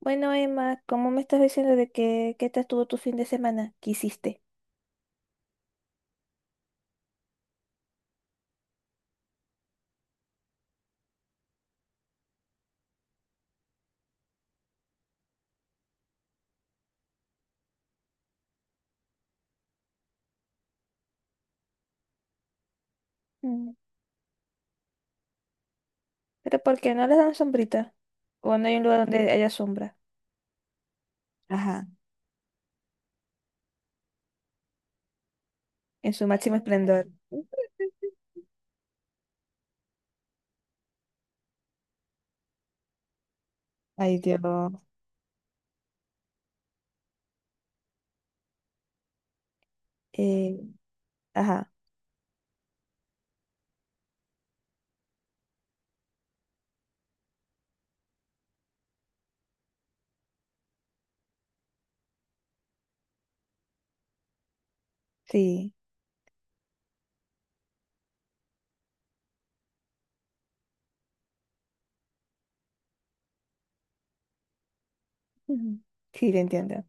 Bueno, Emma, ¿cómo me estás diciendo de que, qué tal estuvo tu fin de semana? ¿Qué hiciste? Mm. ¿Pero por qué no les dan sombrita? ¿O no hay un lugar donde haya sombra, ajá, en su máximo esplendor? Ay, Dios. Eh, ajá, sí. Ujú. Sí, te entiendo.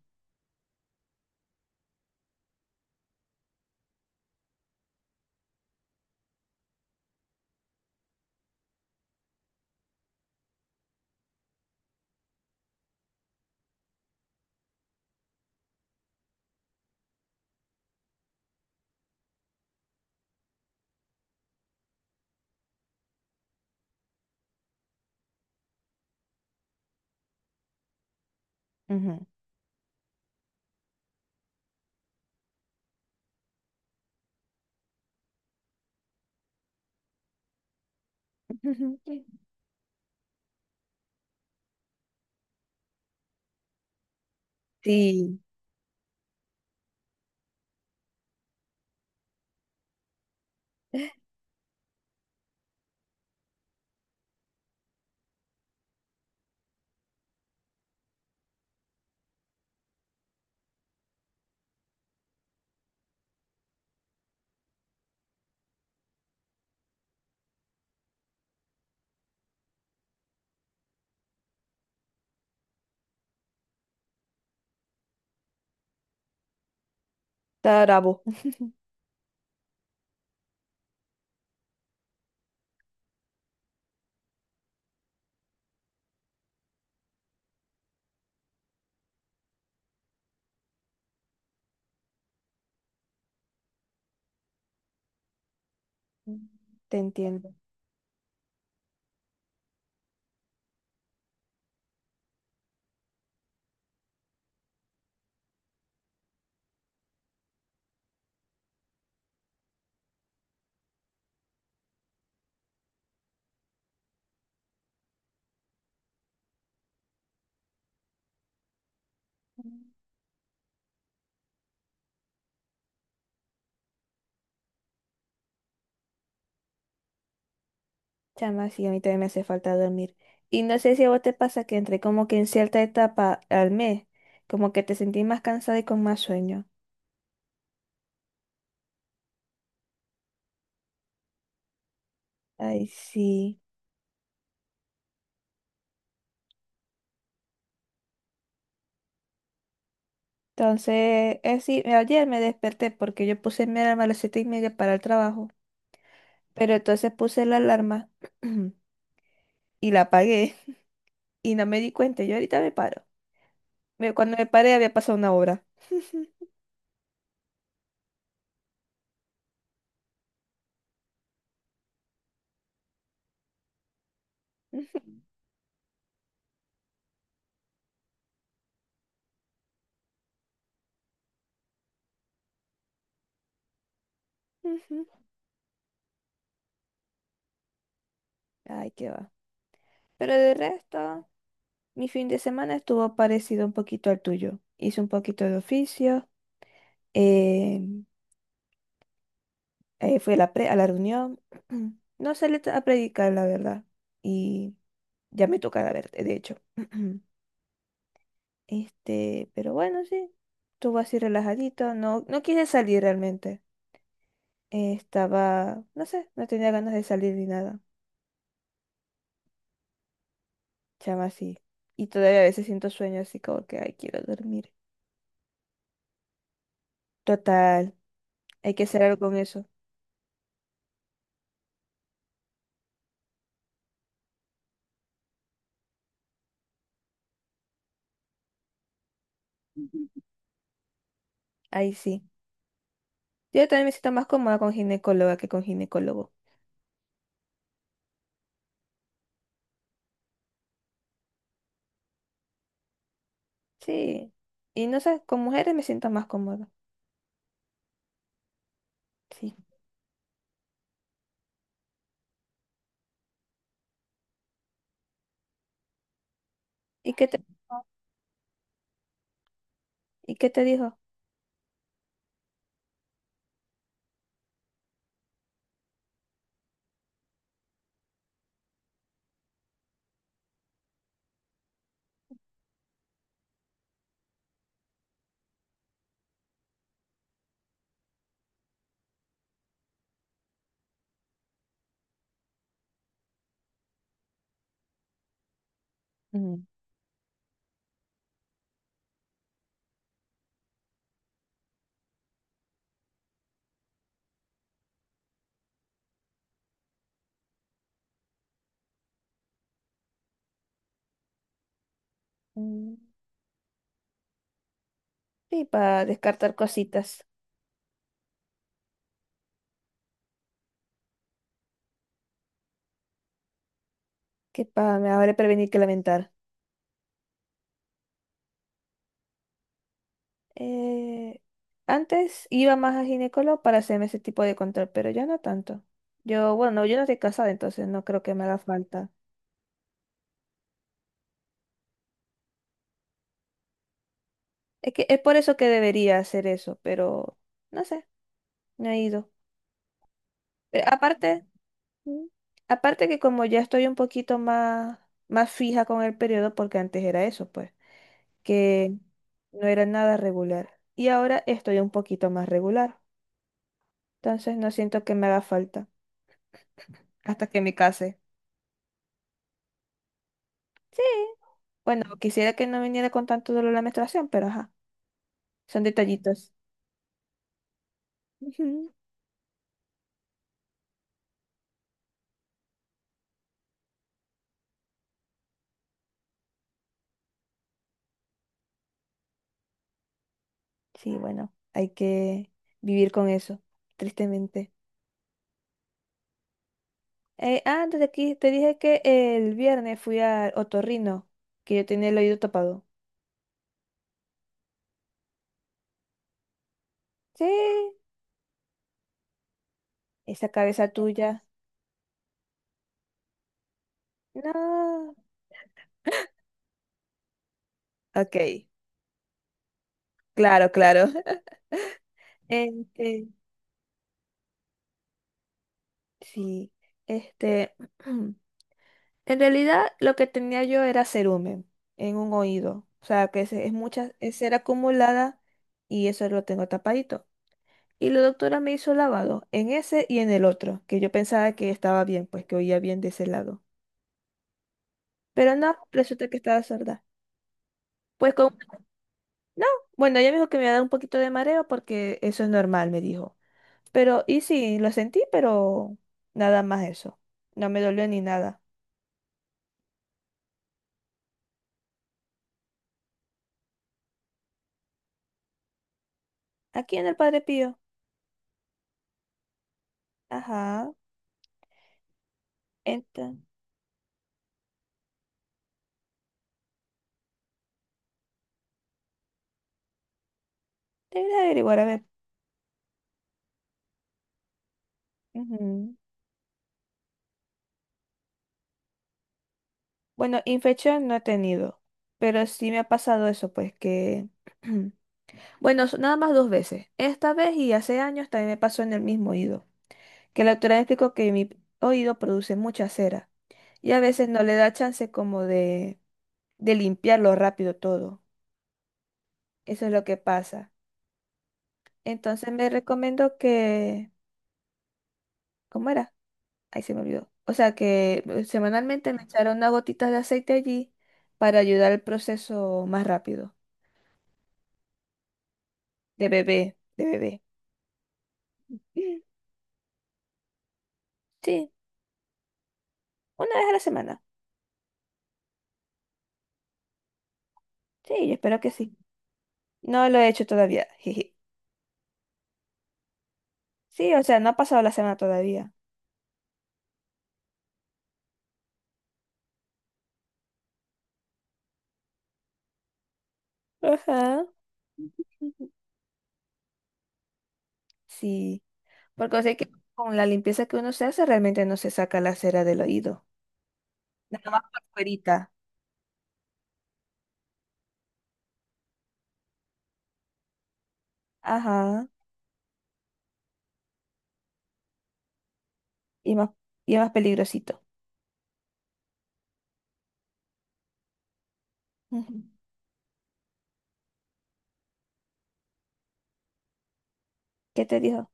Ujú. Sí, está bravo. Te entiendo. Chama, sí, a mí también me hace falta dormir. Y no sé si a vos te pasa que entre como que en cierta etapa al mes, como que te sentís más cansada y con más sueño. Ay, sí. Entonces, es sí, ayer me desperté porque yo puse mi alarma a las 7:30 para el trabajo, pero entonces puse la alarma y la apagué y no me di cuenta. Yo ahorita me paro. Cuando me paré había pasado una hora. Ujú, ujú. Ay, qué va. Pero de resto... Mi fin de semana estuvo parecido un poquito al tuyo. Hice un poquito de oficio, eh, fui a la, a la reunión. No salí a predicar, la verdad. Y ya me toca verte, de hecho. Pero bueno, sí. Estuvo así relajadito. No, no quise salir realmente. Estaba, no sé, no tenía ganas de salir ni nada. Chama así. Y todavía a veces siento sueño así como que, ay, quiero dormir. Total, hay que hacer algo con eso. Ahí sí. Yo también me siento más cómoda con ginecóloga que con ginecólogo. Sí. Y no sé, con mujeres me siento más cómoda. Sí. ¿Y qué te, y qué te dijo? Mm, mm. Sí, para descartar cositas, que para me habré prevenir que lamentar. Eh, Antes iba más a ginecólogo para hacerme ese tipo de control, pero ya no tanto. Yo no estoy casada, entonces no creo que me haga falta. Es que es por eso que debería hacer eso, pero no sé, no he ido. Pero aparte, mm. Aparte que como ya estoy un poquito más fija con el periodo, porque antes era eso, pues, que no era nada regular. Y ahora estoy un poquito más regular. Entonces no siento que me haga falta hasta que me case. Sí. Bueno, quisiera que no viniera con tanto dolor la menstruación, pero ajá, son detallitos. Ujú. Sí, bueno, hay que vivir con eso, tristemente. Antes de aquí te dije que el viernes fui al otorrino, que yo tenía el oído tapado. Sí. Esa cabeza tuya. No. Ok, claro, claro. Este, sí, este, en realidad lo que tenía yo era cerumen en un oído. O sea, que es, mucha, es ser acumulada y eso lo tengo tapadito. Y la doctora me hizo lavado en ese y en el otro, que yo pensaba que estaba bien, pues que oía bien de ese lado. Pero no, resulta que estaba sorda. Pues con... No, bueno, ella me dijo que me iba a dar un poquito de mareo porque eso es normal, me dijo. Pero, y sí, lo sentí, pero nada más eso. No me dolió ni nada. Aquí en el Padre Pío. Ajá. Entonces, debería averiguar, a ver. Ujú. Bueno, infección no he tenido. Pero sí me ha pasado eso, pues que. Bueno, nada más dos veces. Esta vez y hace años también me pasó en el mismo oído. Que la doctora me explicó que mi oído produce mucha cera. Y a veces no le da chance como de limpiarlo rápido todo. Eso es lo que pasa. Entonces me recomendó que, ¿cómo era? Ahí se me olvidó. O sea, que semanalmente me echara unas gotitas de aceite allí para ayudar al proceso más rápido de bebé, de bebé. Mm, sí, una vez a la semana. Sí, yo espero que sí. No lo he hecho todavía. Jeje. Sí, o sea, no ha pasado la semana todavía. Ajá. Ujú. Sí, porque sé que con la limpieza que uno se hace realmente no se saca la cera del oído. Nada más por fuerita. Ajá. Y más, y es más peligrosito. Ujú. ¿Qué te dijo?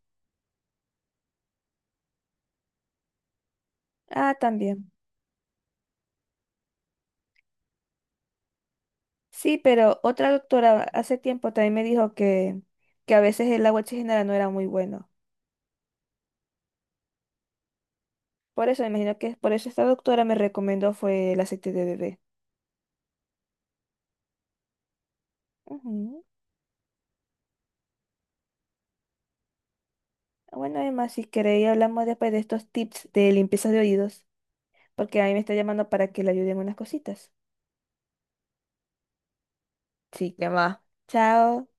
Ah, también. Sí, pero otra doctora hace tiempo también me dijo que a veces el agua oxigenada no era muy bueno. Por eso, me imagino que es por eso esta doctora me recomendó fue el aceite de bebé. Ujú. Bueno, además, si queréis hablamos después de estos tips de limpieza de oídos, porque a mí me está llamando para que le ayuden unas cositas. Sí, que va. Chao.